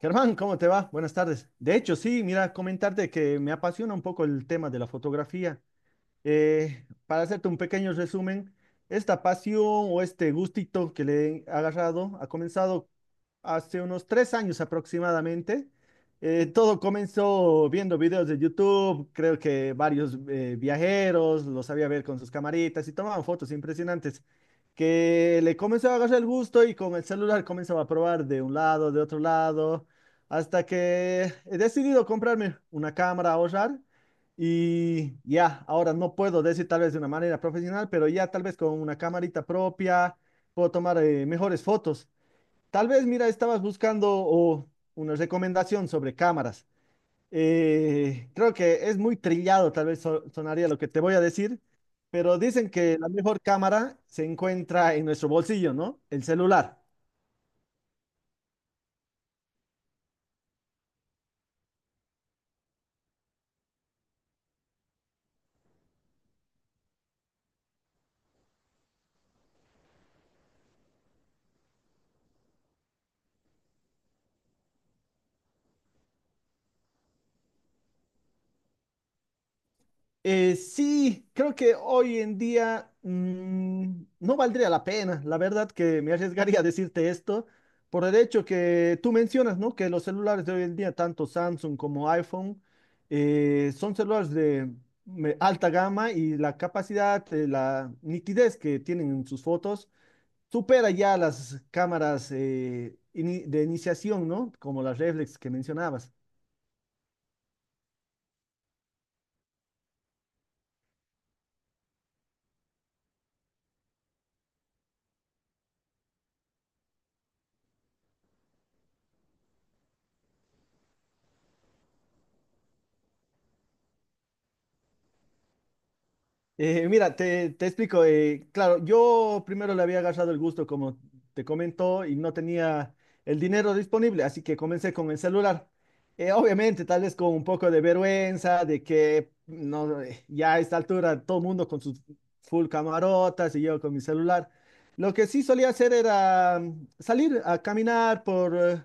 Germán, ¿cómo te va? Buenas tardes. De hecho, sí, mira, comentarte que me apasiona un poco el tema de la fotografía. Para hacerte un pequeño resumen, esta pasión o este gustito que le he agarrado ha comenzado hace unos 3 años aproximadamente. Todo comenzó viendo videos de YouTube, creo que varios viajeros los sabía ver con sus camaritas y tomaban fotos impresionantes, que le comenzó a agarrar el gusto y con el celular comenzaba a probar de un lado, de otro lado, hasta que he decidido comprarme una cámara a ahorrar. Y ya, ahora no puedo decir tal vez de una manera profesional, pero ya tal vez con una camarita propia puedo tomar mejores fotos. Tal vez, mira, estabas buscando o, una recomendación sobre cámaras. Creo que es muy trillado, tal vez sonaría lo que te voy a decir, pero dicen que la mejor cámara se encuentra en nuestro bolsillo, ¿no? El celular. Sí, creo que hoy en día no valdría la pena. La verdad que me arriesgaría a decirte esto por el hecho que tú mencionas, ¿no? Que los celulares de hoy en día, tanto Samsung como iPhone, son celulares de alta gama y la capacidad, la nitidez que tienen en sus fotos supera ya las cámaras de iniciación, ¿no? Como las reflex que mencionabas. Mira, te explico. Claro, yo primero le había agarrado el gusto, como te comentó, y no tenía el dinero disponible, así que comencé con el celular. Obviamente, tal vez con un poco de vergüenza, de que no, ya a esta altura todo el mundo con sus full camarotas y yo con mi celular. Lo que sí solía hacer era salir a caminar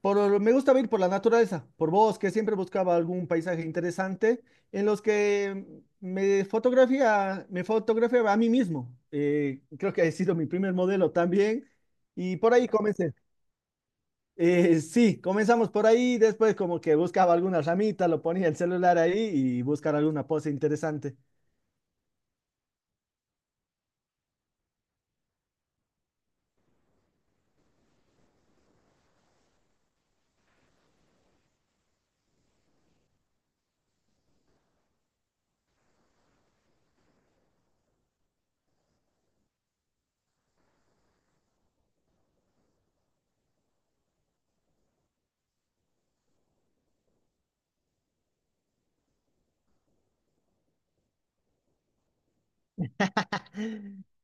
por, me gusta ir por la naturaleza, por bosque, siempre buscaba algún paisaje interesante en los que me fotografiaba a mí mismo. Creo que ha sido mi primer modelo también y por ahí comencé. Sí, comenzamos por ahí, después como que buscaba alguna ramita, lo ponía el celular ahí y buscar alguna pose interesante.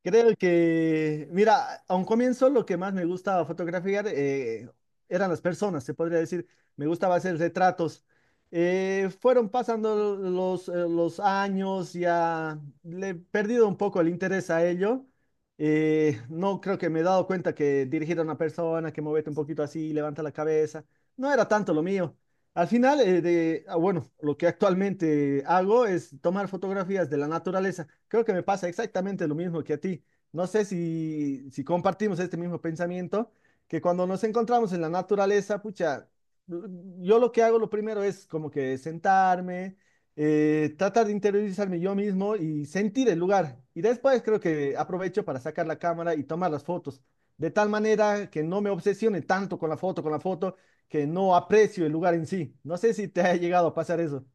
Creo que, mira, a un comienzo lo que más me gustaba fotografiar eran las personas, se podría decir. Me gustaba hacer retratos. Fueron pasando los años, ya le he perdido un poco el interés a ello. No creo que me he dado cuenta que dirigir a una persona, que movete un poquito así, levanta la cabeza, no era tanto lo mío. Al final, bueno, lo que actualmente hago es tomar fotografías de la naturaleza. Creo que me pasa exactamente lo mismo que a ti. No sé si compartimos este mismo pensamiento, que cuando nos encontramos en la naturaleza, pucha, yo lo que hago lo primero es como que sentarme, tratar de interiorizarme yo mismo y sentir el lugar. Y después creo que aprovecho para sacar la cámara y tomar las fotos, de tal manera que no me obsesione tanto con la foto, que no aprecio el lugar en sí. No sé si te ha llegado a pasar eso.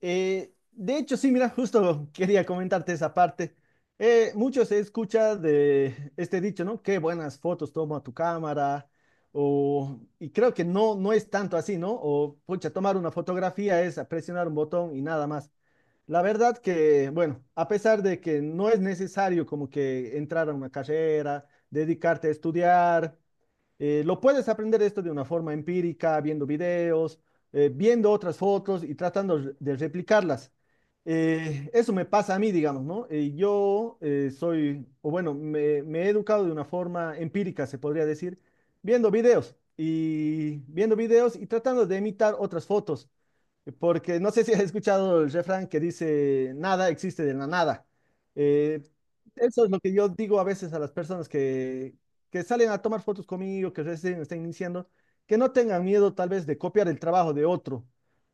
De hecho, sí, mira, justo quería comentarte esa parte. Mucho se escucha de este dicho, ¿no? Qué buenas fotos toma tu cámara. Y creo que no, no es tanto así, ¿no? O, pucha, tomar una fotografía es presionar un botón y nada más. La verdad que, bueno, a pesar de que no es necesario como que entrar a una carrera, dedicarte a estudiar. Lo puedes aprender esto de una forma empírica, viendo videos, viendo otras fotos y tratando de replicarlas. Eso me pasa a mí, digamos, ¿no? Yo soy, o Bueno, me he educado de una forma empírica, se podría decir, viendo videos y tratando de imitar otras fotos, porque no sé si has escuchado el refrán que dice, nada existe de la nada. Eh, Eso es lo que yo digo a veces a las personas que salen a tomar fotos conmigo, que recién están iniciando, que no tengan miedo tal vez de copiar el trabajo de otro,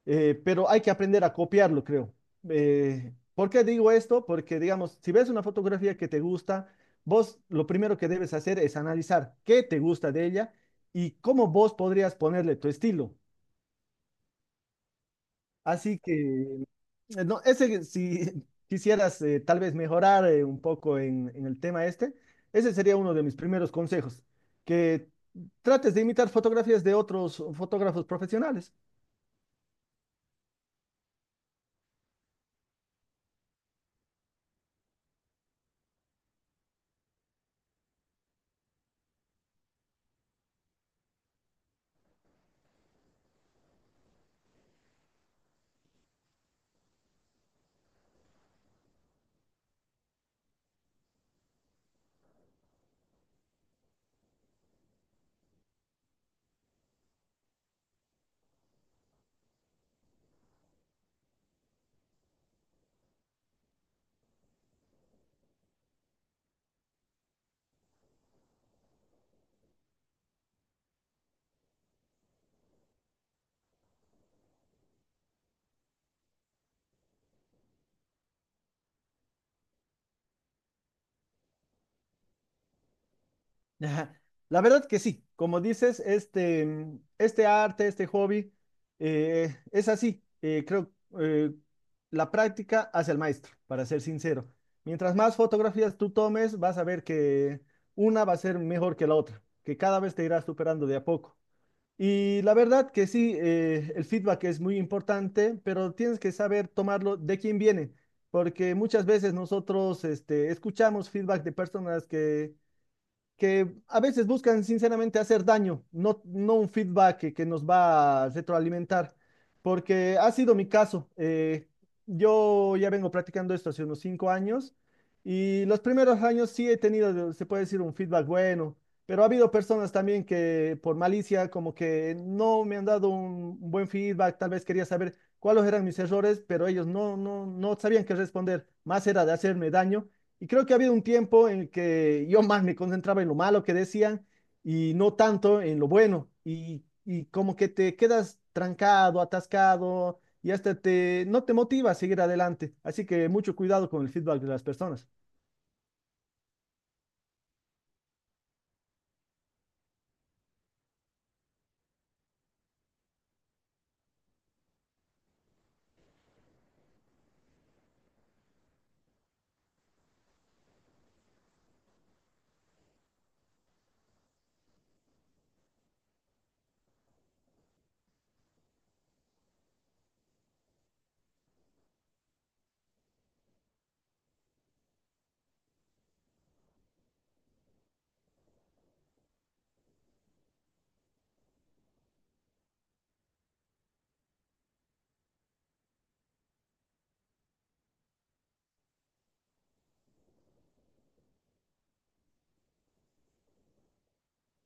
pero hay que aprender a copiarlo, creo. ¿Por qué digo esto? Porque, digamos, si ves una fotografía que te gusta, vos lo primero que debes hacer es analizar qué te gusta de ella y cómo vos podrías ponerle tu estilo. Así que si quisieras tal vez mejorar un poco en el tema este, ese sería uno de mis primeros consejos, que trates de imitar fotografías de otros fotógrafos profesionales. Ajá. La verdad que sí, como dices, este arte, este hobby, es así. Creo eh, la práctica hace al maestro, para ser sincero. Mientras más fotografías tú tomes, vas a ver que una va a ser mejor que la otra, que cada vez te irás superando de a poco. Y la verdad que sí, el feedback es muy importante, pero tienes que saber tomarlo de quién viene, porque muchas veces nosotros escuchamos feedback de personas que a veces buscan sinceramente hacer daño, no, no un feedback que nos va a retroalimentar, porque ha sido mi caso. Yo ya vengo practicando esto hace unos 5 años y los primeros años sí he tenido, se puede decir, un feedback bueno, pero ha habido personas también que por malicia como que no me han dado un buen feedback, tal vez quería saber cuáles eran mis errores, pero ellos no, no, no sabían qué responder, más era de hacerme daño y creo que ha habido un tiempo en el que yo más me concentraba en lo malo que decían y no tanto en lo bueno. Y como que te quedas trancado, atascado y hasta te, no te motiva a seguir adelante. Así que mucho cuidado con el feedback de las personas.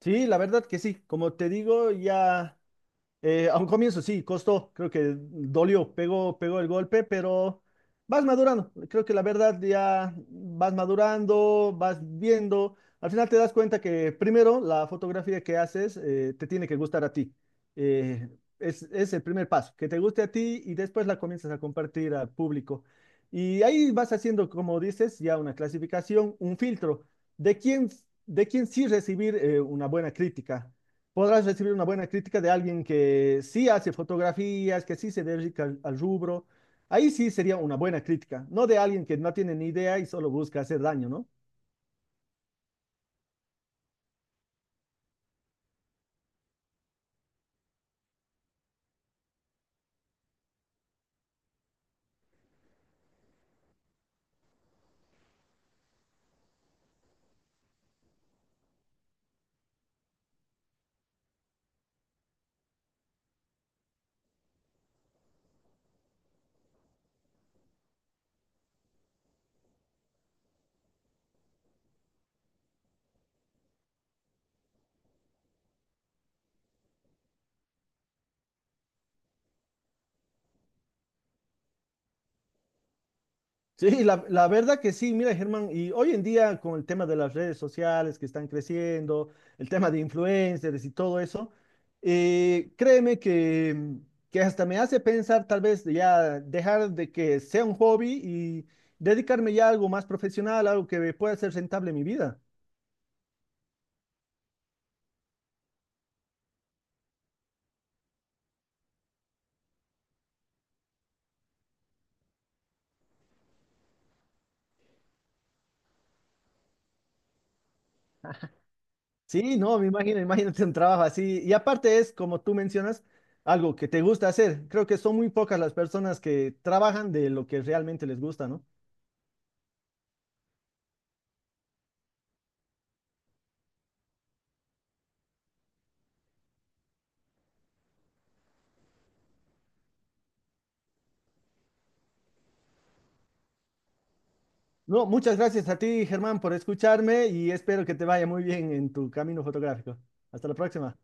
Sí, la verdad que sí. Como te digo, ya a un comienzo sí, costó, creo que dolió, pegó el golpe, pero vas madurando. Creo que la verdad ya vas madurando, vas viendo. Al final te das cuenta que primero la fotografía que haces te tiene que gustar a ti. Eh, es el primer paso, que te guste a ti y después la comienzas a compartir al público. Y ahí vas haciendo, como dices, ya una clasificación, un filtro de quién, de quién sí recibir una buena crítica. Podrás recibir una buena crítica de alguien que sí hace fotografías, que sí se dedica al rubro. Ahí sí sería una buena crítica, no de alguien que no tiene ni idea y solo busca hacer daño, ¿no? Sí, la verdad que sí, mira Germán, y hoy en día con el tema de las redes sociales que están creciendo, el tema de influencers y todo eso, eh, créeme que, que hasta me hace pensar tal vez de ya dejar de que sea un hobby y dedicarme ya a algo más profesional, algo que pueda ser rentable en mi vida. Sí, no, me imagino, imagínate un trabajo así. Y aparte es, como tú mencionas, algo que te gusta hacer. Creo que son muy pocas las personas que trabajan de lo que realmente les gusta, ¿no? No, muchas gracias a ti, Germán, por escucharme y espero que te vaya muy bien en tu camino fotográfico. Hasta la próxima.